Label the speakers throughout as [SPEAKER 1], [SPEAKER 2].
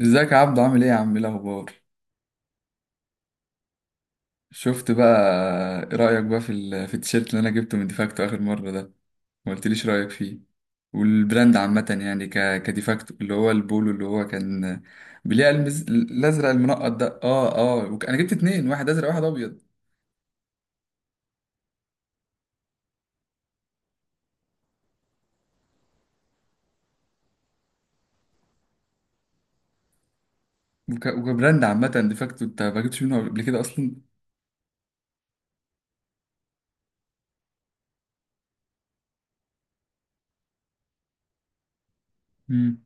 [SPEAKER 1] ازيك يا عبدو؟ عامل ايه يا عم؟ ايه الاخبار؟ شفت بقى. ايه رايك بقى في التيشيرت اللي انا جبته من ديفاكتو اخر مره ده؟ ما قلتليش رايك فيه. والبراند عامه يعني كديفاكتو، اللي هو البولو اللي هو كان بليه الازرق المنقط ده، اه. انا جبت اتنين، واحد ازرق واحد ابيض. وكبراند عامه ديفاكتو، انت ما جبتش منه قبل كده اصلا؟ امم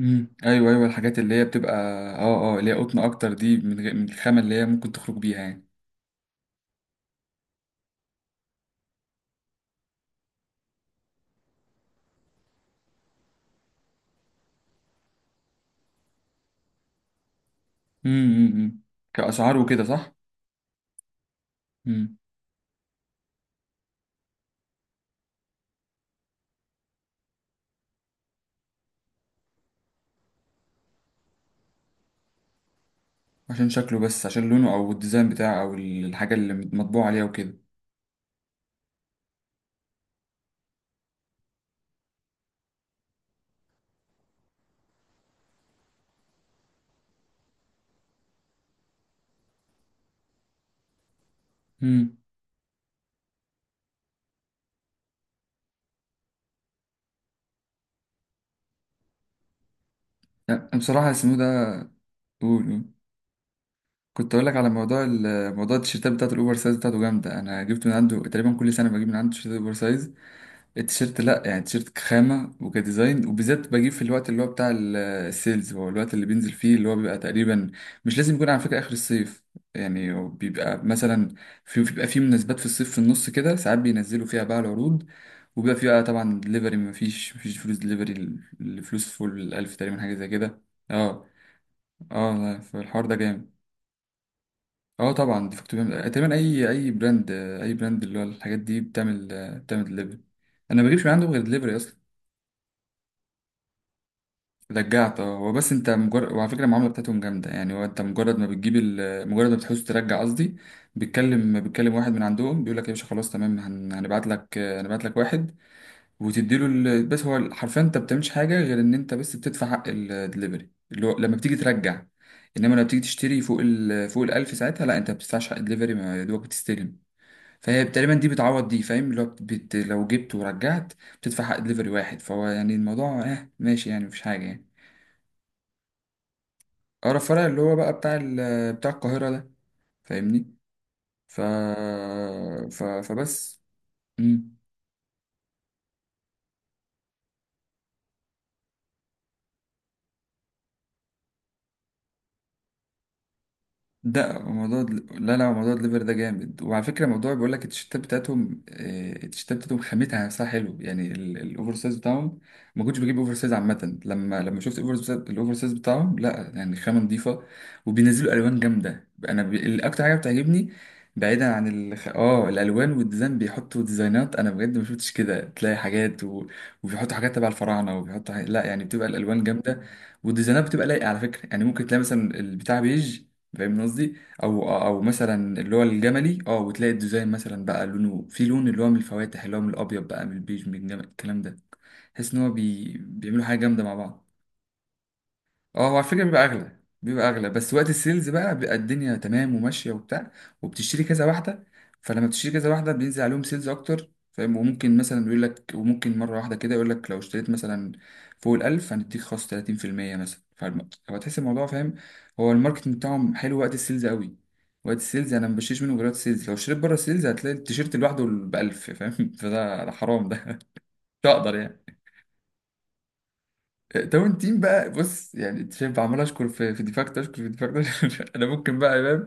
[SPEAKER 1] ايوه ايوه، الحاجات اللي هي بتبقى اه اه اللي هي قطن اكتر دي، من غير من الخامه اللي هي ممكن تخرج بيها يعني. امم امم امم. كاسعار وكده، صح. عشان شكله، بس عشان لونه او الديزاين بتاعه او الحاجه اللي مطبوع عليها وكده. امم، يعني بصراحه اسمه ده. قول قول. كنت اقول لك على موضوع موضوع التيشيرتات بتاعته الاوفر سايز، بتاعته جامده. انا جبت من عنده تقريبا كل سنه، بجيب من عنده تيشيرت اوفر سايز. التيشيرت لا يعني، التيشيرت كخامه وكديزاين، وبالذات بجيب في الوقت اللي هو بتاع السيلز، هو الوقت اللي بينزل فيه اللي هو بيبقى تقريبا. مش لازم يكون على فكره اخر الصيف. يعني هو بيبقى مثلا، في مناسبات في الصيف في النص كده ساعات بينزلوا فيها بقى العروض. وبيبقى فيه بقى طبعا دليفري، مفيش فلوس دليفري. الفلوس فوق الألف تقريبا، حاجة زي كده. اه، اه لا، فالحوار ده جامد. اه طبعا دي فاكتور بيعمل، تقريبا أي براند اللي هو الحاجات دي بتعمل، بتعمل دليفري. أنا ما بجيبش من عندهم غير دليفري أصلا. رجعت، اه هو بس أنت مجرد، وعلى فكرة المعاملة بتاعتهم جامدة يعني. هو أنت مجرد ما بتجيب مجرد ما بتحوز ترجع قصدي، بيتكلم واحد من عندهم، بيقول لك يا باشا خلاص تمام، هن... هنبعت لك هنبعت لك واحد. وتديله بس هو حرفيا انت بتعملش حاجه، غير ان انت بس بتدفع حق الدليفري اللي هو لما بتيجي ترجع. انما لما بتيجي تشتري فوق ال فوق الالف، ساعتها لا، انت ما بتدفعش حق الدليفري، ما يا دوبك بتستلم. فهي تقريبا دي بتعوض دي، فاهم؟ اللي هو لو جبت ورجعت بتدفع حق دليفري واحد، فهو يعني الموضوع اه ماشي يعني، مفيش حاجه يعني. اقرب فرع اللي هو بقى بتاع بتاع القاهره ده، فاهمني؟ ف... فبس. مم. ده موضوع لا لا، موضوع الليفر ده جامد، وعلى فكره موضوع بيقول لك، التيشيرتات بتاعتهم، التيشيرتات بتاعتهم خامتها نفسها حلو يعني، الاوفر سايز بتاعهم. ما كنتش بجيب اوفر سايز عامه، لما شفت الاوفر سايز، الاوفر سايز بتاعهم لا يعني، خامه نظيفه. وبينزلوا الوان جامده، الاكتر حاجه بتعجبني، بعيدا عن الخ... اه الالوان والديزاين، بيحطوا ديزاينات انا بجد ما شفتش كده، تلاقي حاجات و... وبيحطوا حاجات تبع الفراعنه، وبيحطوا حاجات، لا يعني بتبقى الالوان جامده، والديزاينات بتبقى لايقه على فكره يعني. ممكن تلاقي مثلا البتاع بيج، فاهم قصدي؟ او او مثلا اللي هو الجملي اه، وتلاقي الديزاين مثلا بقى لونه في لون اللي هو من الفواتح، اللي هو من الابيض بقى، من البيج، من الجمل، الكلام ده. تحس ان هو بيعملوا حاجه جامده مع بعض. اه هو على فكره بيبقى اغلى بس وقت السيلز بقى بيبقى الدنيا تمام وماشيه وبتاع. وبتشتري كذا واحده، فلما بتشتري كذا واحده بينزل عليهم سيلز اكتر، فاهم؟ وممكن مثلا يقول لك، وممكن مره واحده كده يقول لك لو اشتريت مثلا فوق الألف، هنديك خصم 30% مثلا. فهتحس الموضوع، فاهم؟ هو الماركتنج بتاعهم حلو وقت السيلز قوي. وقت السيلز انا ما بشتريش منه غير وقت السيلز، لو اشتريت بره السيلز هتلاقي التيشيرت لوحده ب 1000، فاهم؟ فده ده حرام ده، مش هقدر يعني. داون تيم بقى بص يعني، انت شايف عمال اشكر في في ديفاكت، اشكر في ديفاكت انا ممكن بقى يا امام.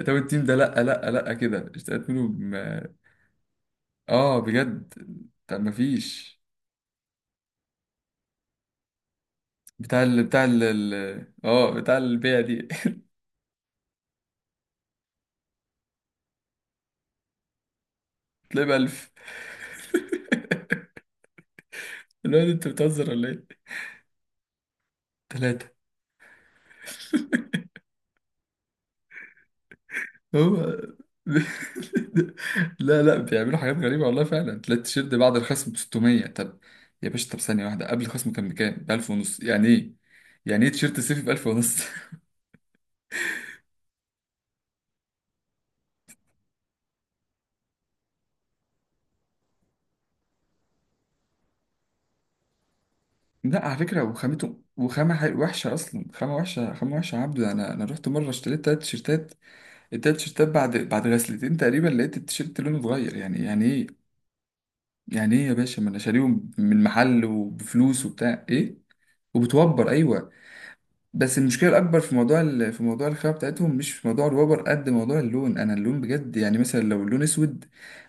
[SPEAKER 1] داون تيم ده لا لا لا كده اشتقت منه اه، بجد. طب ما فيش بتاع بتاع البيع دي. تلاقي ب 1000. الواد انت بتهزر ولا ايه؟ ثلاثة. هو لا لا، بيعملوا حاجات غريبة والله، فعلا تلاقي التيشيرت بعد الخصم ب 600. طب يا باشا، طب ثانية واحدة، قبل الخصم كان بكام؟ ب 1000 ونص، يعني ايه؟ يعني ايه تيشيرت صيفي ب 1000 ونص؟ لا على فكرة وخامته، وحشة أصلا، خامة وحشة، خامة وحشة يا عبدو. أنا أنا رحت مرة اشتريت تلات تيشيرتات. التلات تيشيرتات بعد بعد غسلتين تقريبا، لقيت التيشيرت لونه اتغير. يعني يعني إيه؟ يعني إيه يا باشا؟ ما أنا شاريهم من محل وبفلوس وبتاع إيه. وبتوبر أيوه. بس المشكله الاكبر في موضوع في موضوع الخامه بتاعتهم، مش في موضوع الوبر قد موضوع اللون. انا اللون بجد يعني، مثلا لو اللون اسود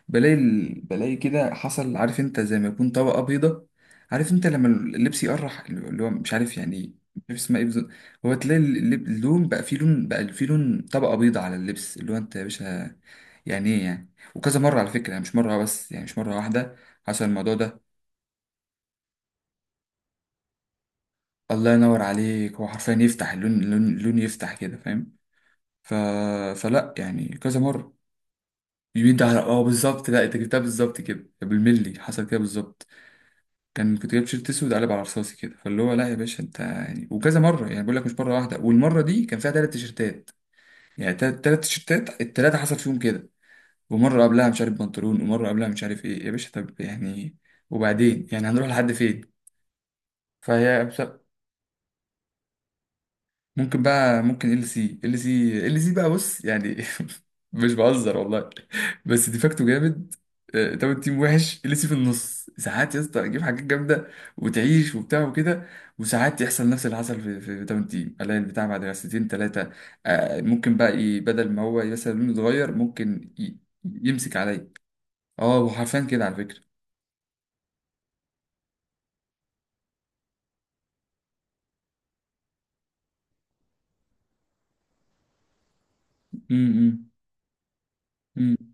[SPEAKER 1] بلاقي بلاقي كده حصل، عارف انت زي ما يكون طبقه بيضه، عارف انت لما اللبس يقرح، اللي هو مش عارف يعني، مش عارف اسمها ايه بالظبط. هو تلاقي اللون بقى فيه لون، بقى فيه لون طبقه بيضه على اللبس، اللي هو انت يا باشا يعني ايه يعني؟ وكذا مره على فكره يعني، مش مره بس، يعني مش مره واحده حصل الموضوع ده. الله ينور عليك. هو حرفيا يفتح اللون، اللون يفتح كده، فاهم؟ ف... فلا يعني كذا مرة. يمين ده على اه بالظبط، لا انت جبتها بالظبط كده بالملي، حصل كده بالظبط. كان كنت جايب تيشيرت اسود قلب على رصاصي كده، فاللي هو لا يا باشا انت يعني. وكذا مرة يعني، بقول لك مش مرة واحدة، والمرة دي كان فيها ثلاث تيشيرتات. يعني ثلاث تيشيرتات، الثلاثة حصل فيهم كده. ومرة قبلها مش عارف بنطلون، ومرة قبلها مش عارف ايه يا باشا، طب يعني وبعدين، يعني هنروح لحد فين؟ فهي ممكن بقى، ممكن ال سي، ال سي بقى بص يعني مش بهزر والله. بس ديفاكتو جامد. طب التيم وحش. ال سي في النص ساعات يا اسطى، تجيب حاجات جامده وتعيش وبتاع وكده. وساعات يحصل نفس اللي حصل في في تاون تيم، الاقي البتاع بعد سنتين ثلاثه ممكن بقى بدل ما هو مثلا لونه اتغير، ممكن يمسك عليا. اه، وحرفيا كده على فكره. امم امم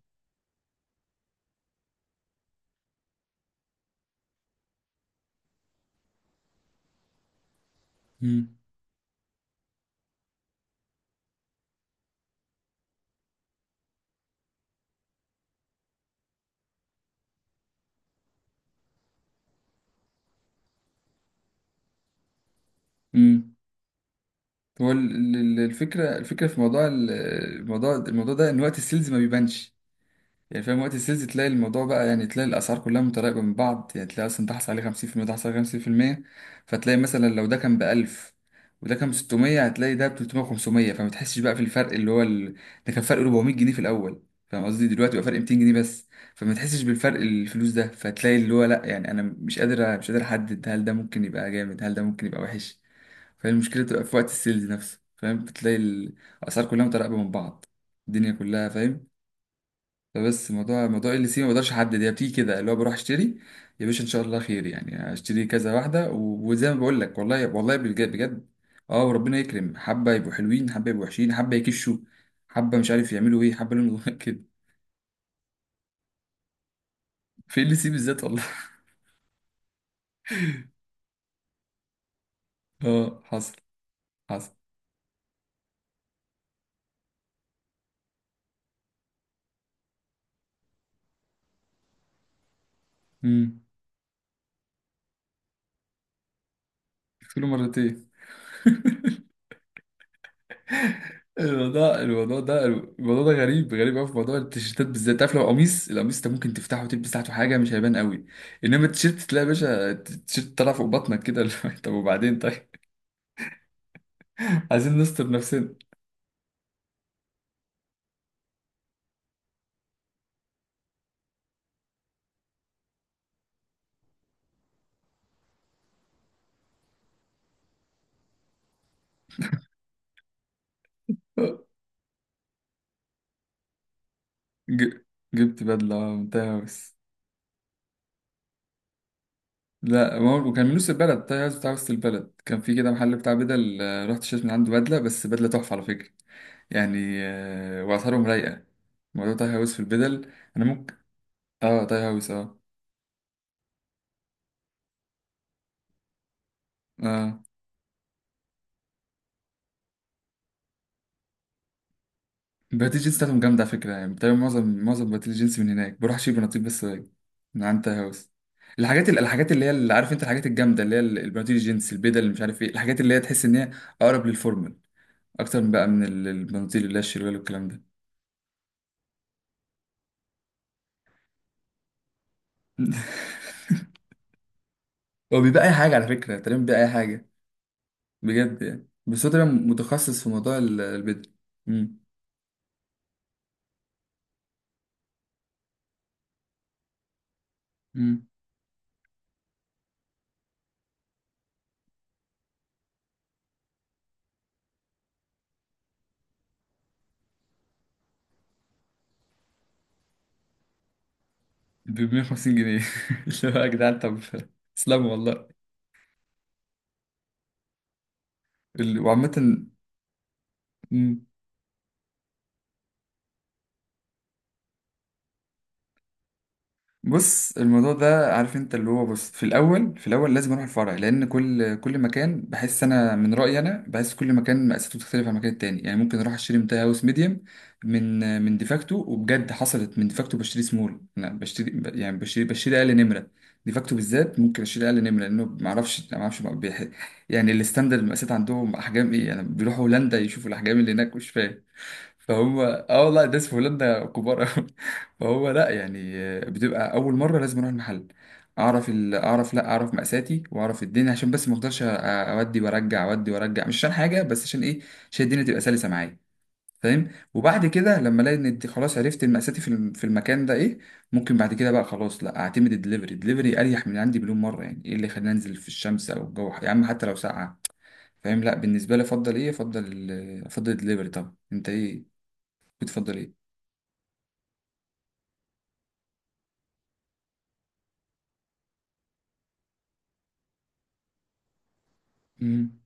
[SPEAKER 1] امم هو الفكرة في موضوع الموضوع، الموضوع ده إن وقت السيلز ما بيبانش يعني، فاهم؟ وقت السيلز تلاقي الموضوع بقى يعني، تلاقي الأسعار كلها متراكمة من بعض. يعني تلاقي أصلا ده حصل عليه 50%، ده حصل عليه 50%. فتلاقي مثلا لو ده كان ب 1000، وده كان ب 600، هتلاقي ده ب 300، 500، فما تحسش بقى في الفرق اللي هو ال... ده كان فرق 400 جنيه في الأول، فاهم قصدي؟ دلوقتي بقى فرق 200 جنيه بس. فما تحسش بالفرق الفلوس ده، فتلاقي اللي هو لا يعني أنا مش قادر، مش قادر أحدد. هل ده ممكن يبقى جامد؟ هل ده ممكن يبقى وحش؟ فالمشكلة بتبقى في وقت السيلز نفسه، فاهم؟ بتلاقي الأسعار كلها متراقبة من بعض، الدنيا كلها، فاهم؟ فبس موضوع ال سي ما بقدرش أحدد، هي بتيجي كده، اللي هو بروح أشتري يا باشا إن شاء الله خير يعني، أشتري كذا واحدة وزي ما بقول لك، والله والله بجد بجد. أه وربنا يكرم. حبة يبقوا حلوين، حبة يبقوا وحشين، حبة يكشوا، حبة مش عارف يعملوا إيه، حبة لهم كده. في ال سي بالذات والله. أه، حصل حصل. امم، شفت له مرتين. الموضوع الموضوع ده غريب، قوي في موضوع التيشيرتات بالذات. عارف لو قميص، القميص انت ممكن تفتحه وتلبس تحته حاجه مش هيبان قوي. انما التيشيرت تلاقي يا باشا التيشيرت طالع فوق بطنك كده اللي هو طب وبعدين طيب. عايزين نستر نفسنا. ج... جبت بدله، من تاي هاوس. لا ما هو وكان من نص البلد، تاي هاوس بتاع وسط البلد، كان في كده محل بتاع بدل، رحت اشتريت من عنده بدله، بس بدله تحفه على فكره يعني. واسعارهم رايقه. موضوع تاي هاوس في البدل. انا ممكن، اه تاي هاوس اه. اه، بناديل الجنس بتاعتهم جامدة على فكرة يعني. بتعمل معظم بناديل الجنس من هناك، بروح أشيل بناطيل بس من عند تاي هاوس. الحاجات الحاجات اللي هي، اللي عارف انت، الحاجات الجامدة اللي هي البناطيل الجينز البيضة اللي مش عارف ايه، الحاجات اللي هي تحس ان هي أقرب للفورمال، أكتر من بقى من البناطيل اللي هي الشروال والكلام ده. هو بيبقى أي حاجة على فكرة، تقريبا بيبقى أي حاجة، بجد يعني. بس هو تقريبا متخصص في موضوع البيضة. أمم. مم. ب 150 جنيه. اللي هو يا جدعان طب اسلموا والله. وعامة. مم. بص الموضوع ده، عارف انت اللي هو، بص في الاول، في الاول لازم اروح الفرع، لان كل مكان بحس، انا من رايي انا بحس كل مكان مقاساته بتختلف عن المكان التاني يعني. ممكن اروح اشتري منتهى هاوس ميديم، من ديفاكتو، وبجد حصلت من ديفاكتو بشتري سمول. انا بشتري يعني بشتري، بشتري اقل نمره. ديفاكتو بالذات ممكن اشتري اقل نمره، لانه ما اعرفش بقى يعني الستاندرد المقاسات عندهم احجام ايه يعني، بيروحوا هولندا يشوفوا الاحجام اللي هناك مش فاهم. فهم اه والله، الناس في هولندا كبار أوي. فهو لا يعني، بتبقى اول مره لازم اروح المحل، اعرف ال... اعرف لا اعرف مقاساتي واعرف الدنيا، عشان بس ما افضلش اودي وارجع اودي وارجع، مش عشان حاجه، بس عشان ايه؟ عشان الدنيا تبقى سلسه معايا، فاهم؟ وبعد كده لما الاقي ان خلاص عرفت مقاساتي في في المكان ده، ايه ممكن بعد كده بقى خلاص لا، اعتمد الدليفري. الدليفري اريح من عندي مليون مره، يعني ايه اللي يخليني انزل في الشمس او الجو يا عم حتى لو ساقعه، فاهم؟ لا بالنسبه لي افضل ايه، افضل الدليفري طبعا. انت ايه بتفضل ايه؟ مم.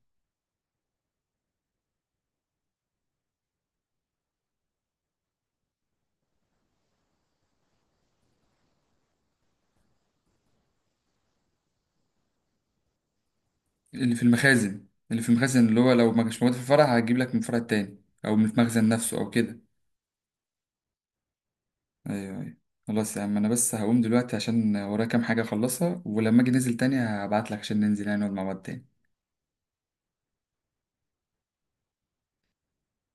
[SPEAKER 1] اللي في المخازن اللي هو لو ما كانش موجود في الفرع، هجيب لك من الفرع التاني، او من المخزن نفسه او كده. ايوه ايوه. خلاص يا عم، انا بس هقوم دلوقتي عشان ورايا كام حاجه اخلصها، ولما اجي ننزل تاني هبعت لك عشان ننزل يعني، نقعد مع بعض تاني.